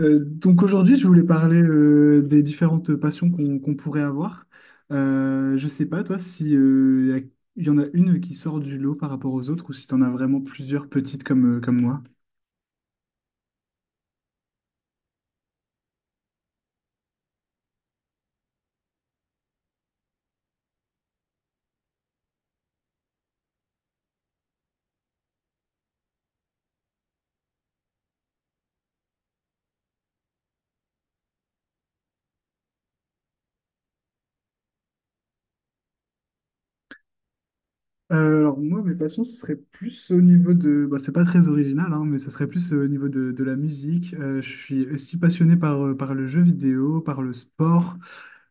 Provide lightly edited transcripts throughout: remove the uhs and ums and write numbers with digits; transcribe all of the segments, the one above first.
Donc aujourd'hui, je voulais parler des différentes passions qu'on pourrait avoir. Je sais pas, toi, si il y en a une qui sort du lot par rapport aux autres ou si tu en as vraiment plusieurs petites comme, comme moi. Alors moi, mes passions, ce serait plus au niveau de... Bah, c'est pas très original, hein, mais ce serait plus au niveau de la musique. Je suis aussi passionné par, par le jeu vidéo, par le sport,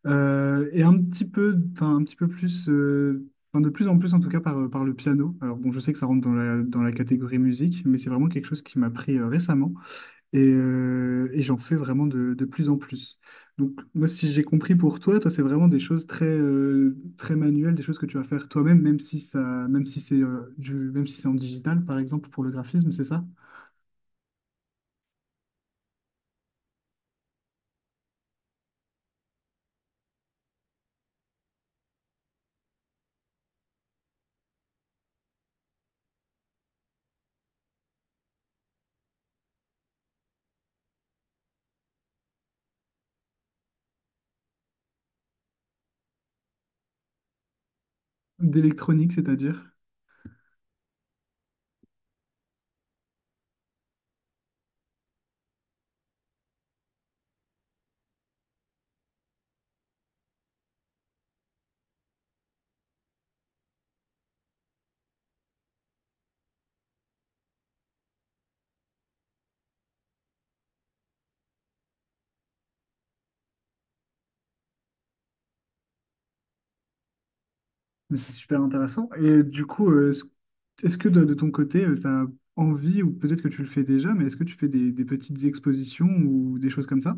et un petit peu, enfin, un petit peu plus, enfin, de plus en plus en tout cas par, par le piano. Alors bon, je sais que ça rentre dans dans la catégorie musique, mais c'est vraiment quelque chose qui m'a pris récemment. Et j'en fais vraiment de plus en plus. Donc, moi, si j'ai compris pour toi, c'est vraiment des choses très, très manuelles, des choses que tu vas faire toi-même, même si ça, même si c'est même si c'est en digital, par exemple, pour le graphisme, c'est ça? D'électronique, c'est-à-dire. Mais c'est super intéressant. Et du coup, est-ce que de ton côté, tu as envie, ou peut-être que tu le fais déjà, mais est-ce que tu fais des petites expositions ou des choses comme ça?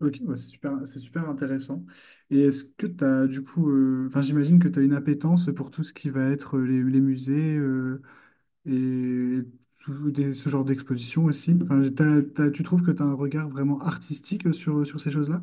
Ok, ouais, c'est super intéressant. Et est-ce que tu as du coup, enfin j'imagine que tu as une appétence pour tout ce qui va être les musées et, ce genre d'exposition aussi. Enfin, tu trouves que tu as un regard vraiment artistique sur, sur ces choses-là?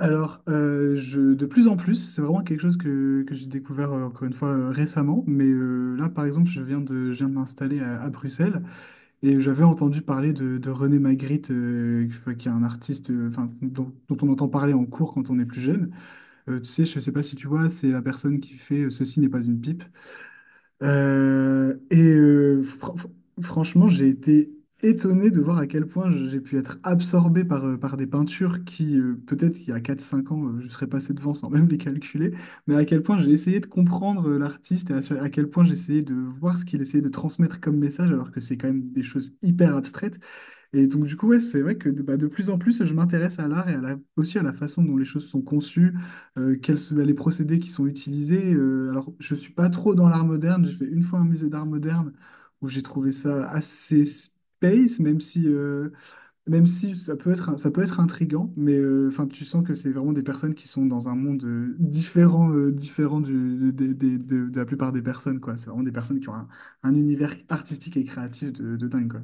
De plus en plus, c'est vraiment quelque chose que j'ai découvert encore une fois récemment, mais là par exemple, je viens de m'installer à Bruxelles. Et j'avais entendu parler de René Magritte, qui enfin, qui est un artiste enfin, dont on entend parler en cours quand on est plus jeune. Tu sais, je ne sais pas si tu vois, c'est la personne qui fait Ceci n'est pas une pipe. Euh, et euh, fr- fr- Franchement, j'ai été étonné de voir à quel point j'ai pu être absorbé par, par des peintures qui, peut-être qu'il y a quatre cinq ans, je serais passé devant sans même les calculer, mais à quel point j'ai essayé de comprendre l'artiste et à quel point j'ai essayé de voir ce qu'il essayait de transmettre comme message, alors que c'est quand même des choses hyper abstraites. Et donc, du coup, ouais, c'est vrai que de, bah, de plus en plus, je m'intéresse à l'art et aussi à la façon dont les choses sont conçues, quels sont les procédés qui sont utilisés. Je ne suis pas trop dans l'art moderne. J'ai fait une fois un musée d'art moderne où j'ai trouvé ça assez space, même si ça peut être, ça peut être intriguant, mais enfin, tu sens que c'est vraiment des personnes qui sont dans un monde différent, différent du, des- de la plupart des personnes, quoi. C'est vraiment des personnes qui ont un univers artistique et créatif de dingue, quoi.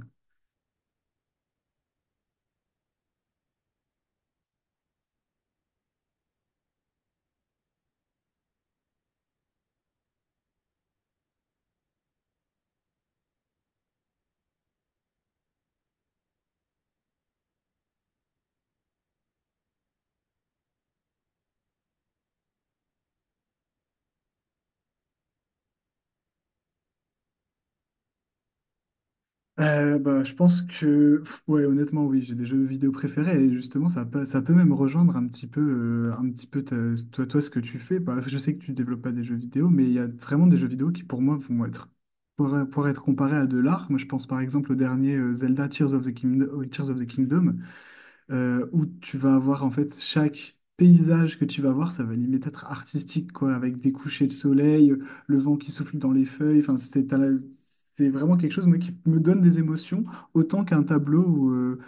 Je pense que, ouais, honnêtement, oui, j'ai des jeux vidéo préférés et justement, ça peut même rejoindre un petit peu toi, ce que tu fais. Bah, je sais que tu développes pas des jeux vidéo, mais il y a vraiment des jeux vidéo qui, pour moi, vont être, pour être comparés à de l'art. Moi, je pense par exemple au dernier Zelda Tears of the Kingdom, Tears of the Kingdom où tu vas avoir en fait chaque paysage que tu vas voir, ça va limite être artistique, quoi, avec des couchers de soleil, le vent qui souffle dans les feuilles. C'est vraiment quelque chose moi, qui me donne des émotions autant qu'un tableau ou, euh,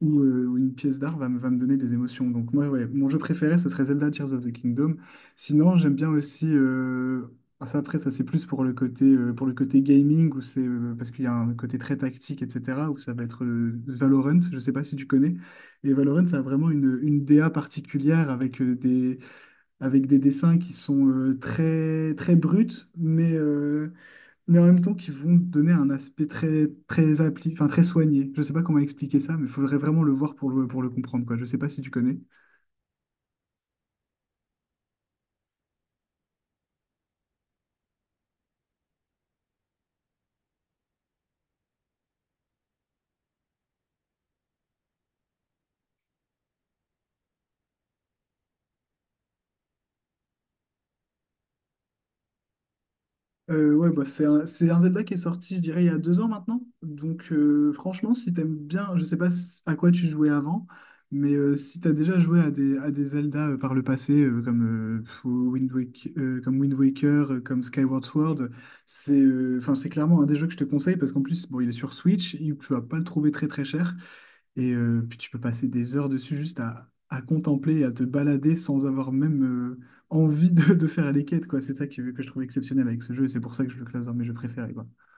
ou, euh, ou une pièce d'art me va me donner des émotions. Donc moi, ouais, mon jeu préféré, ce serait Zelda Tears of the Kingdom. Sinon, j'aime bien aussi. Ça c'est plus pour le côté gaming, où parce qu'il y a un côté très tactique, etc., où ça va être Valorant, je sais pas si tu connais. Et Valorant, ça a vraiment une DA particulière avec avec des dessins qui sont très, très bruts, mais, euh, mais en même temps qui vont donner un aspect très, très appli, enfin, très soigné. Je ne sais pas comment expliquer ça, mais il faudrait vraiment le voir pour pour le comprendre, quoi. Je ne sais pas si tu connais. Ouais, bah, c'est un Zelda qui est sorti, je dirais, il y a 2 ans maintenant. Donc, franchement, si t'aimes bien, je sais pas s- à quoi tu jouais avant, mais si t'as déjà joué à des Zelda par le passé, comme, comme Wind Waker, comme Skyward Sword, c'est enfin, c'est clairement un des jeux que je te conseille parce qu'en plus, bon, il est sur Switch, tu vas pas le trouver très très cher. Et puis tu peux passer des heures dessus juste à contempler, et à te balader sans avoir même envie de faire les quêtes, quoi. C'est ça que je trouve exceptionnel avec ce jeu et c'est pour ça que je le classe dans mes jeux préférés, quoi.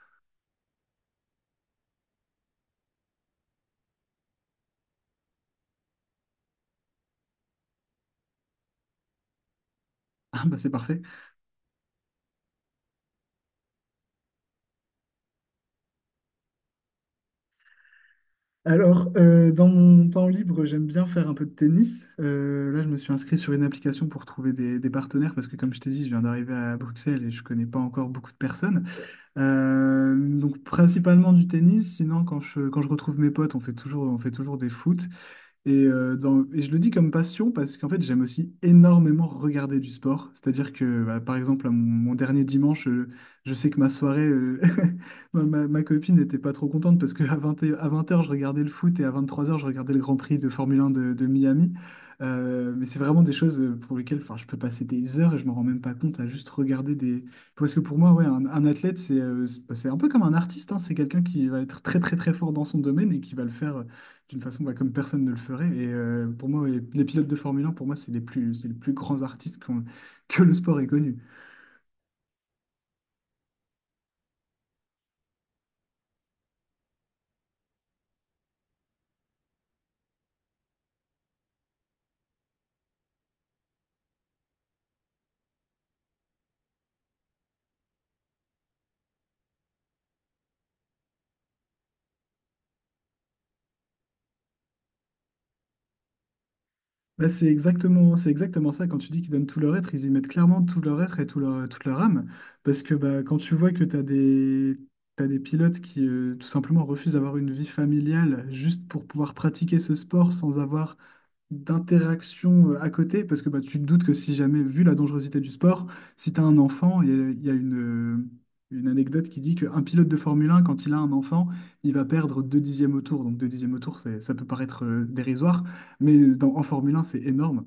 Ah bah c'est parfait. Alors, dans mon temps libre, j'aime bien faire un peu de tennis. Là, je me suis inscrit sur une application pour trouver des partenaires parce que, comme je t'ai dit, je viens d'arriver à Bruxelles et je connais pas encore beaucoup de personnes. Donc, principalement du tennis. Sinon, quand je retrouve mes potes, on fait toujours des foot. Et, et je le dis comme passion parce qu'en fait, j'aime aussi énormément regarder du sport. C'est-à-dire que, bah, par exemple, mon dernier dimanche, je sais que ma soirée, ma copine n'était pas trop contente parce qu'à à 20 heures je regardais le foot et à 23 heures je regardais le Grand Prix de Formule 1 de Miami. Mais c'est vraiment des choses pour lesquelles enfin, je peux passer des heures et je m'en rends même pas compte à juste regarder des... Parce que pour moi, ouais, un athlète, c'est un peu comme un artiste, hein. C'est quelqu'un qui va être très très très fort dans son domaine et qui va le faire d'une façon bah, comme personne ne le ferait. Et pour moi, les pilotes de Formule 1, pour moi, c'est les plus grands artistes que le sport ait connu. Bah, c'est exactement ça. Quand tu dis qu'ils donnent tout leur être, ils y mettent clairement tout leur être et tout leur, toute leur âme. Parce que bah, quand tu vois que t'as des pilotes qui tout simplement refusent d'avoir une vie familiale juste pour pouvoir pratiquer ce sport sans avoir d'interaction à côté, parce que bah, tu te doutes que si jamais, vu la dangerosité du sport, si tu as un enfant, il y a une anecdote qui dit qu'un pilote de Formule 1, quand il a un enfant, il va perdre 2 dixièmes au tour. Donc 2 dixièmes au tour, ça peut paraître dérisoire, mais dans, en Formule 1, c'est énorme.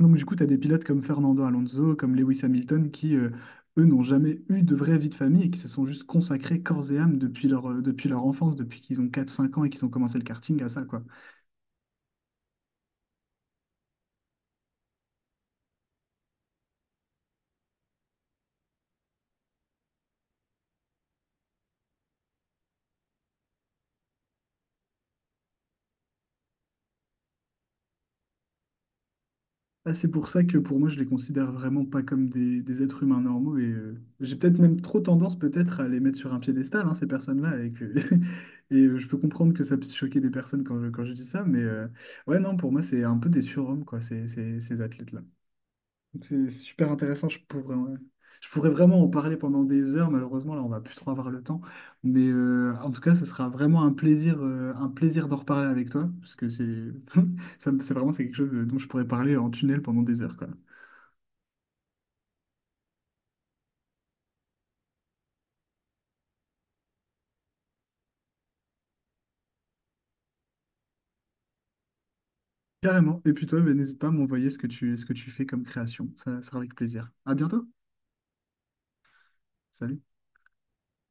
Donc du coup, tu as des pilotes comme Fernando Alonso, comme Lewis Hamilton, qui, eux, n'ont jamais eu de vraie vie de famille et qui se sont juste consacrés corps et âme depuis leur enfance, depuis qu'ils ont 4 5 ans et qu'ils ont commencé le karting à ça, quoi. Ah, c'est pour ça que pour moi, je les considère vraiment pas comme des êtres humains normaux et j'ai peut-être même trop tendance peut-être à les mettre sur un piédestal, hein, ces personnes-là, et que et je peux comprendre que ça puisse choquer des personnes quand je dis ça, mais ouais, non, pour moi, c'est un peu des surhommes, quoi, ces athlètes-là. Donc, c'est super intéressant. Je pourrais, ouais. Je pourrais vraiment en parler pendant des heures. Malheureusement, là, on va plus trop avoir le temps. Mais en tout cas, ce sera vraiment un plaisir d'en reparler avec toi, parce que c'est, c'est vraiment c'est quelque chose dont je pourrais parler en tunnel pendant des heures, quoi. Carrément. Et puis toi, ben, n'hésite pas à m'envoyer ce que tu fais comme création. Ça ça sera avec plaisir. À bientôt. Salut.